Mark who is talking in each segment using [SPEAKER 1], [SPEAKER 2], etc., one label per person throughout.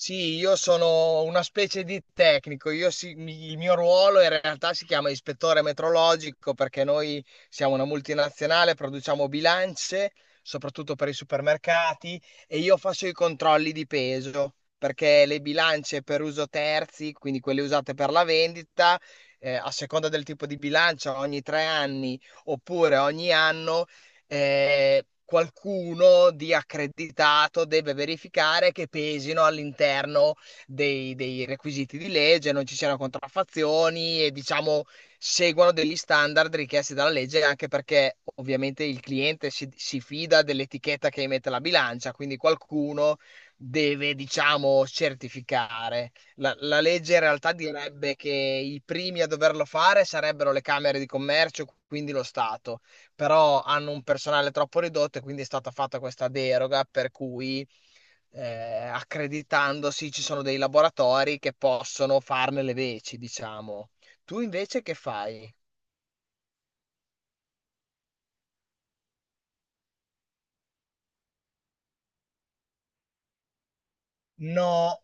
[SPEAKER 1] Sì, io sono una specie di tecnico, il mio ruolo in realtà si chiama ispettore metrologico perché noi siamo una multinazionale, produciamo bilance, soprattutto per i supermercati, e io faccio i controlli di peso perché le bilance per uso terzi, quindi quelle usate per la vendita, a seconda del tipo di bilancia, ogni 3 anni oppure ogni anno. Qualcuno di accreditato deve verificare che pesino all'interno dei requisiti di legge, non ci siano contraffazioni e diciamo seguano degli standard richiesti dalla legge, anche perché ovviamente il cliente si fida dell'etichetta che emette la bilancia, quindi qualcuno deve, diciamo, certificare. La legge in realtà direbbe che i primi a doverlo fare sarebbero le camere di commercio, quindi lo Stato, però hanno un personale troppo ridotto e quindi è stata fatta questa deroga per cui eh, accreditandosi ci sono dei laboratori che possono farne le veci, diciamo. Tu invece che fai? No.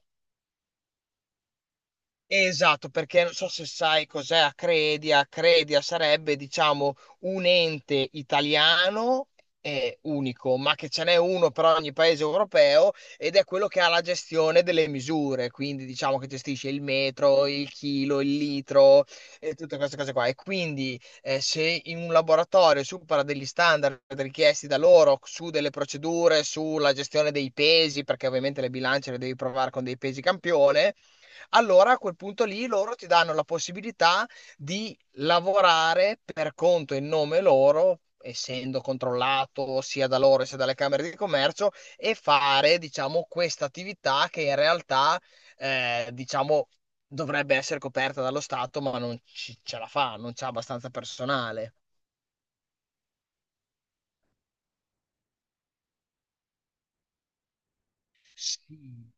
[SPEAKER 1] Esatto, perché non so se sai cos'è Acredia. Acredia sarebbe, diciamo, un ente italiano unico, ma che ce n'è uno per ogni paese europeo ed è quello che ha la gestione delle misure, quindi diciamo che gestisce il metro, il chilo, il litro e tutte queste cose qua. E quindi se in un laboratorio supera degli standard richiesti da loro su delle procedure, sulla gestione dei pesi, perché ovviamente le bilance le devi provare con dei pesi campione, allora a quel punto lì loro ti danno la possibilità di lavorare per conto e nome loro, essendo controllato sia da loro sia dalle Camere di Commercio, e fare, diciamo, questa attività che in realtà, diciamo, dovrebbe essere coperta dallo Stato, ma non ci- ce la fa, non c'ha abbastanza personale. Sì.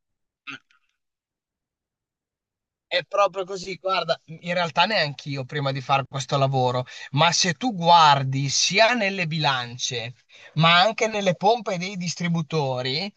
[SPEAKER 1] È proprio così, guarda, in realtà neanche io prima di fare questo lavoro, ma se tu guardi sia nelle bilance, ma anche nelle pompe dei distributori,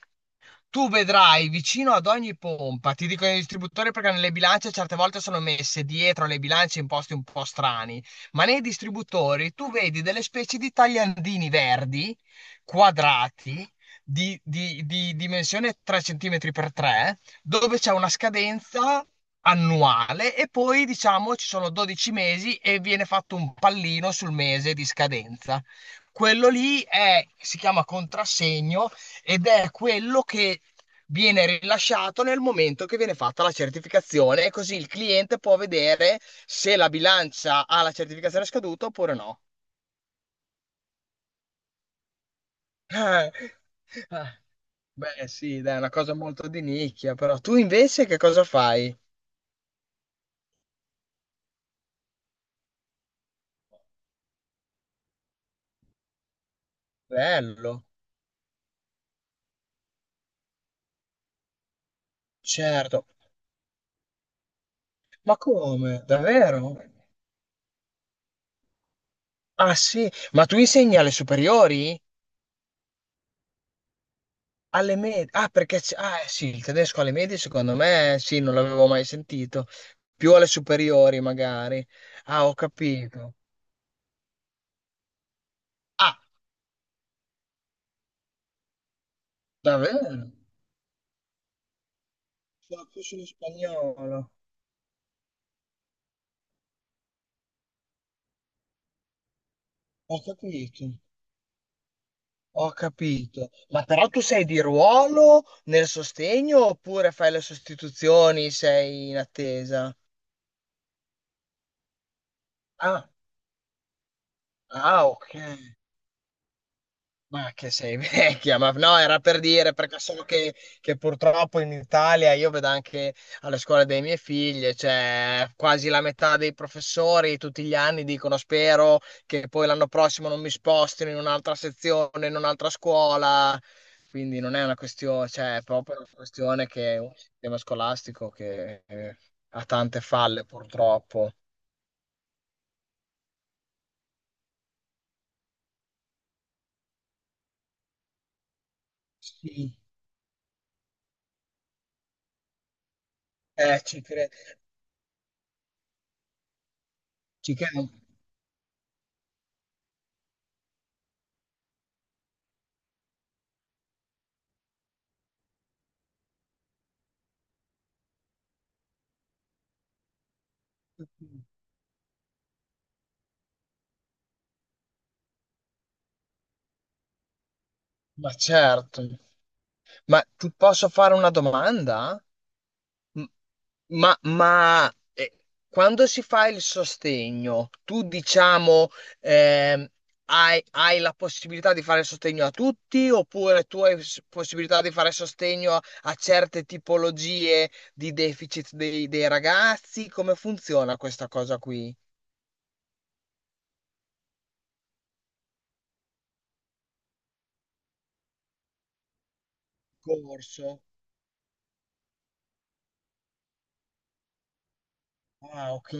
[SPEAKER 1] tu vedrai vicino ad ogni pompa, ti dicono i distributori perché nelle bilance certe volte sono messe dietro le bilance in posti un po' strani, ma nei distributori tu vedi delle specie di tagliandini verdi, quadrati, di dimensione 3 cm per 3, dove c'è una scadenza annuale e poi diciamo ci sono 12 mesi e viene fatto un pallino sul mese di scadenza. Si chiama contrassegno ed è quello che viene rilasciato nel momento che viene fatta la certificazione e così il cliente può vedere se la bilancia ha la certificazione scaduta oppure no. Ah, beh, sì, dai, è una cosa molto di nicchia, però tu invece che cosa fai? Bello, certo. Ma come? Davvero? Ah, sì, ma tu insegni alle superiori? Alle medie? Ah, perché sì, il tedesco alle medie secondo me sì, non l'avevo mai sentito. Più alle superiori magari. Ah, ho capito. Ah, davvero? Sacco. Sono cucino spagnolo. Ho capito, ho capito. Ma però tu sei di ruolo nel sostegno oppure fai le sostituzioni, sei in attesa? Ah, ah, ok. Ma che sei vecchia, ma no, era per dire, perché so che purtroppo in Italia, io vedo anche alle scuole dei miei figli, cioè quasi la metà dei professori tutti gli anni dicono spero che poi l'anno prossimo non mi spostino in un'altra sezione, in un'altra scuola, quindi non è una questione, cioè è proprio una questione che è un sistema scolastico che ha tante falle purtroppo. Sì. Eh, ci cre- ci credo. Ma certo. Ma ti posso fare una domanda? M- Ma, ma, eh, Quando si fa il sostegno, tu diciamo ehm, hai la possibilità di fare sostegno a tutti oppure tu hai possibilità di fare sostegno a certe tipologie di deficit dei ragazzi? Come funziona questa cosa qui? Corso. Ah, ok.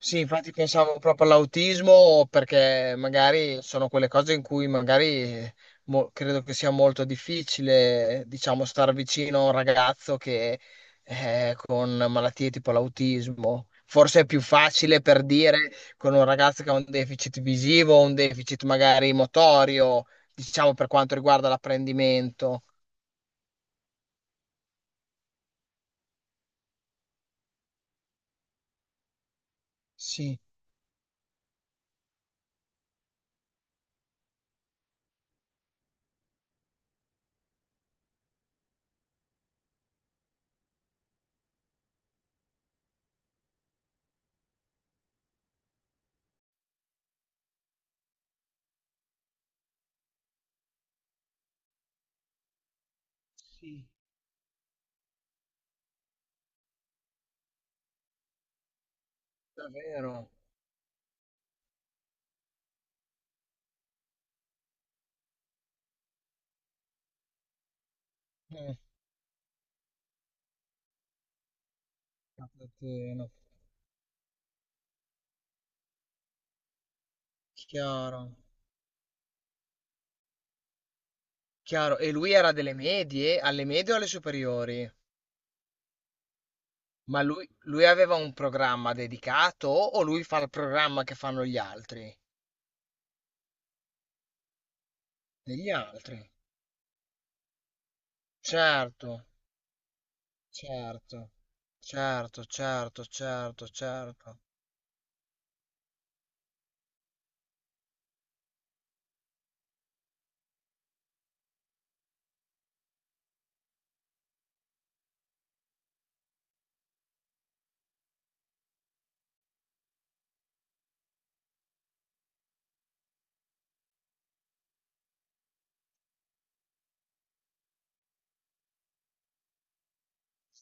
[SPEAKER 1] Sì, infatti pensavo proprio all'autismo perché magari sono quelle cose in cui magari credo che sia molto difficile, diciamo, star vicino a un ragazzo che è con malattie tipo l'autismo. Forse è più facile per dire con un ragazzo che ha un deficit visivo, un deficit magari motorio, diciamo per quanto riguarda l'apprendimento. Sì, sì, davvero. Eh, infatti, no. Chiaro. Chiaro, e lui era delle medie? Alle medie o alle superiori? Ma lui aveva un programma dedicato o lui fa il programma che fanno gli altri? Degli altri. Certo, certo, certo, certo, certo, certo.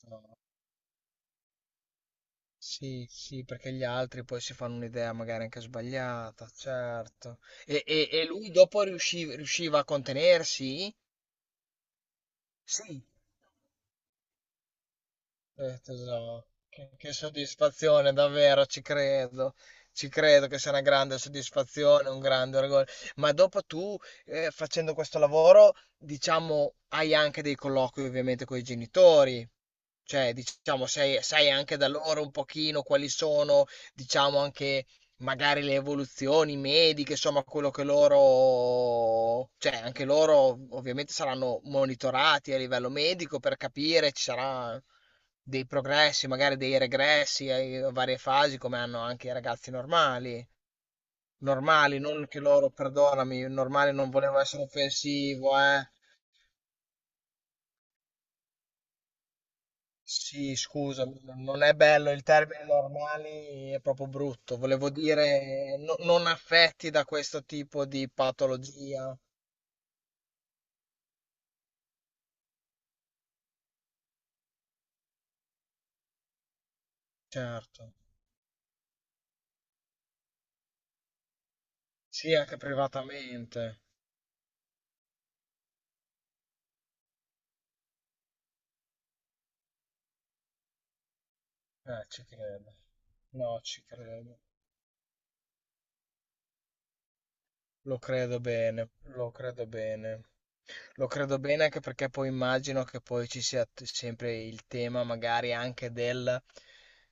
[SPEAKER 1] No. Sì, sì, perché gli altri poi si fanno un'idea magari anche sbagliata, certo. E lui dopo riusciva a contenersi? Sì. Tesoro, che soddisfazione, davvero, ci credo. Ci credo che sia una grande soddisfazione, un grande orgoglio. Ma dopo tu, facendo questo lavoro, diciamo, hai anche dei colloqui ovviamente con i genitori. Cioè, diciamo, sai anche da loro un pochino quali sono, diciamo, anche magari le evoluzioni mediche, insomma, quello che loro, cioè, anche loro ovviamente saranno monitorati a livello medico per capire, ci saranno dei progressi, magari dei regressi a varie fasi, come hanno anche i ragazzi normali. Normali, non che loro, perdonami, normale non volevo essere offensivo, eh. Sì, scusa, non è bello il termine normali, è proprio brutto. Volevo dire non affetti da questo tipo di patologia. Certo. Sì, anche privatamente. Ci credo. No, ci credo. Lo credo bene, lo credo bene. Lo credo bene anche perché poi immagino che poi ci sia sempre il tema magari anche del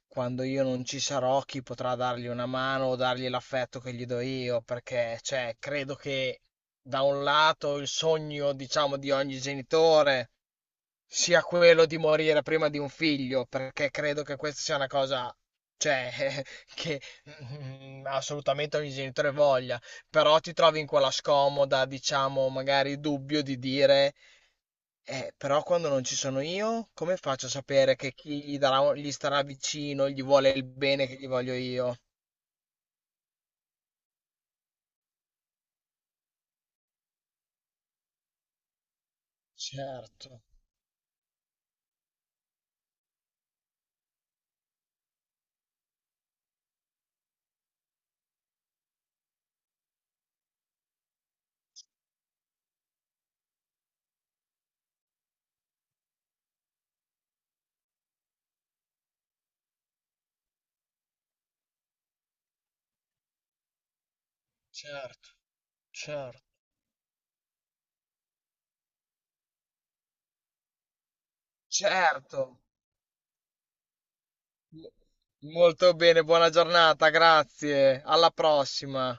[SPEAKER 1] quando io non ci sarò, chi potrà dargli una mano o dargli l'affetto che gli do io, perché cioè, credo che da un lato il sogno, diciamo, di ogni genitore sia quello di morire prima di un figlio, perché credo che questa sia una cosa, cioè, che assolutamente ogni genitore voglia, però ti trovi in quella scomoda, diciamo, magari dubbio di dire, però quando non ci sono io, come faccio a sapere che chi gli starà vicino, gli vuole il bene che gli voglio io? Certo, certo, certo, certo. Molto bene, buona giornata, grazie. Alla prossima.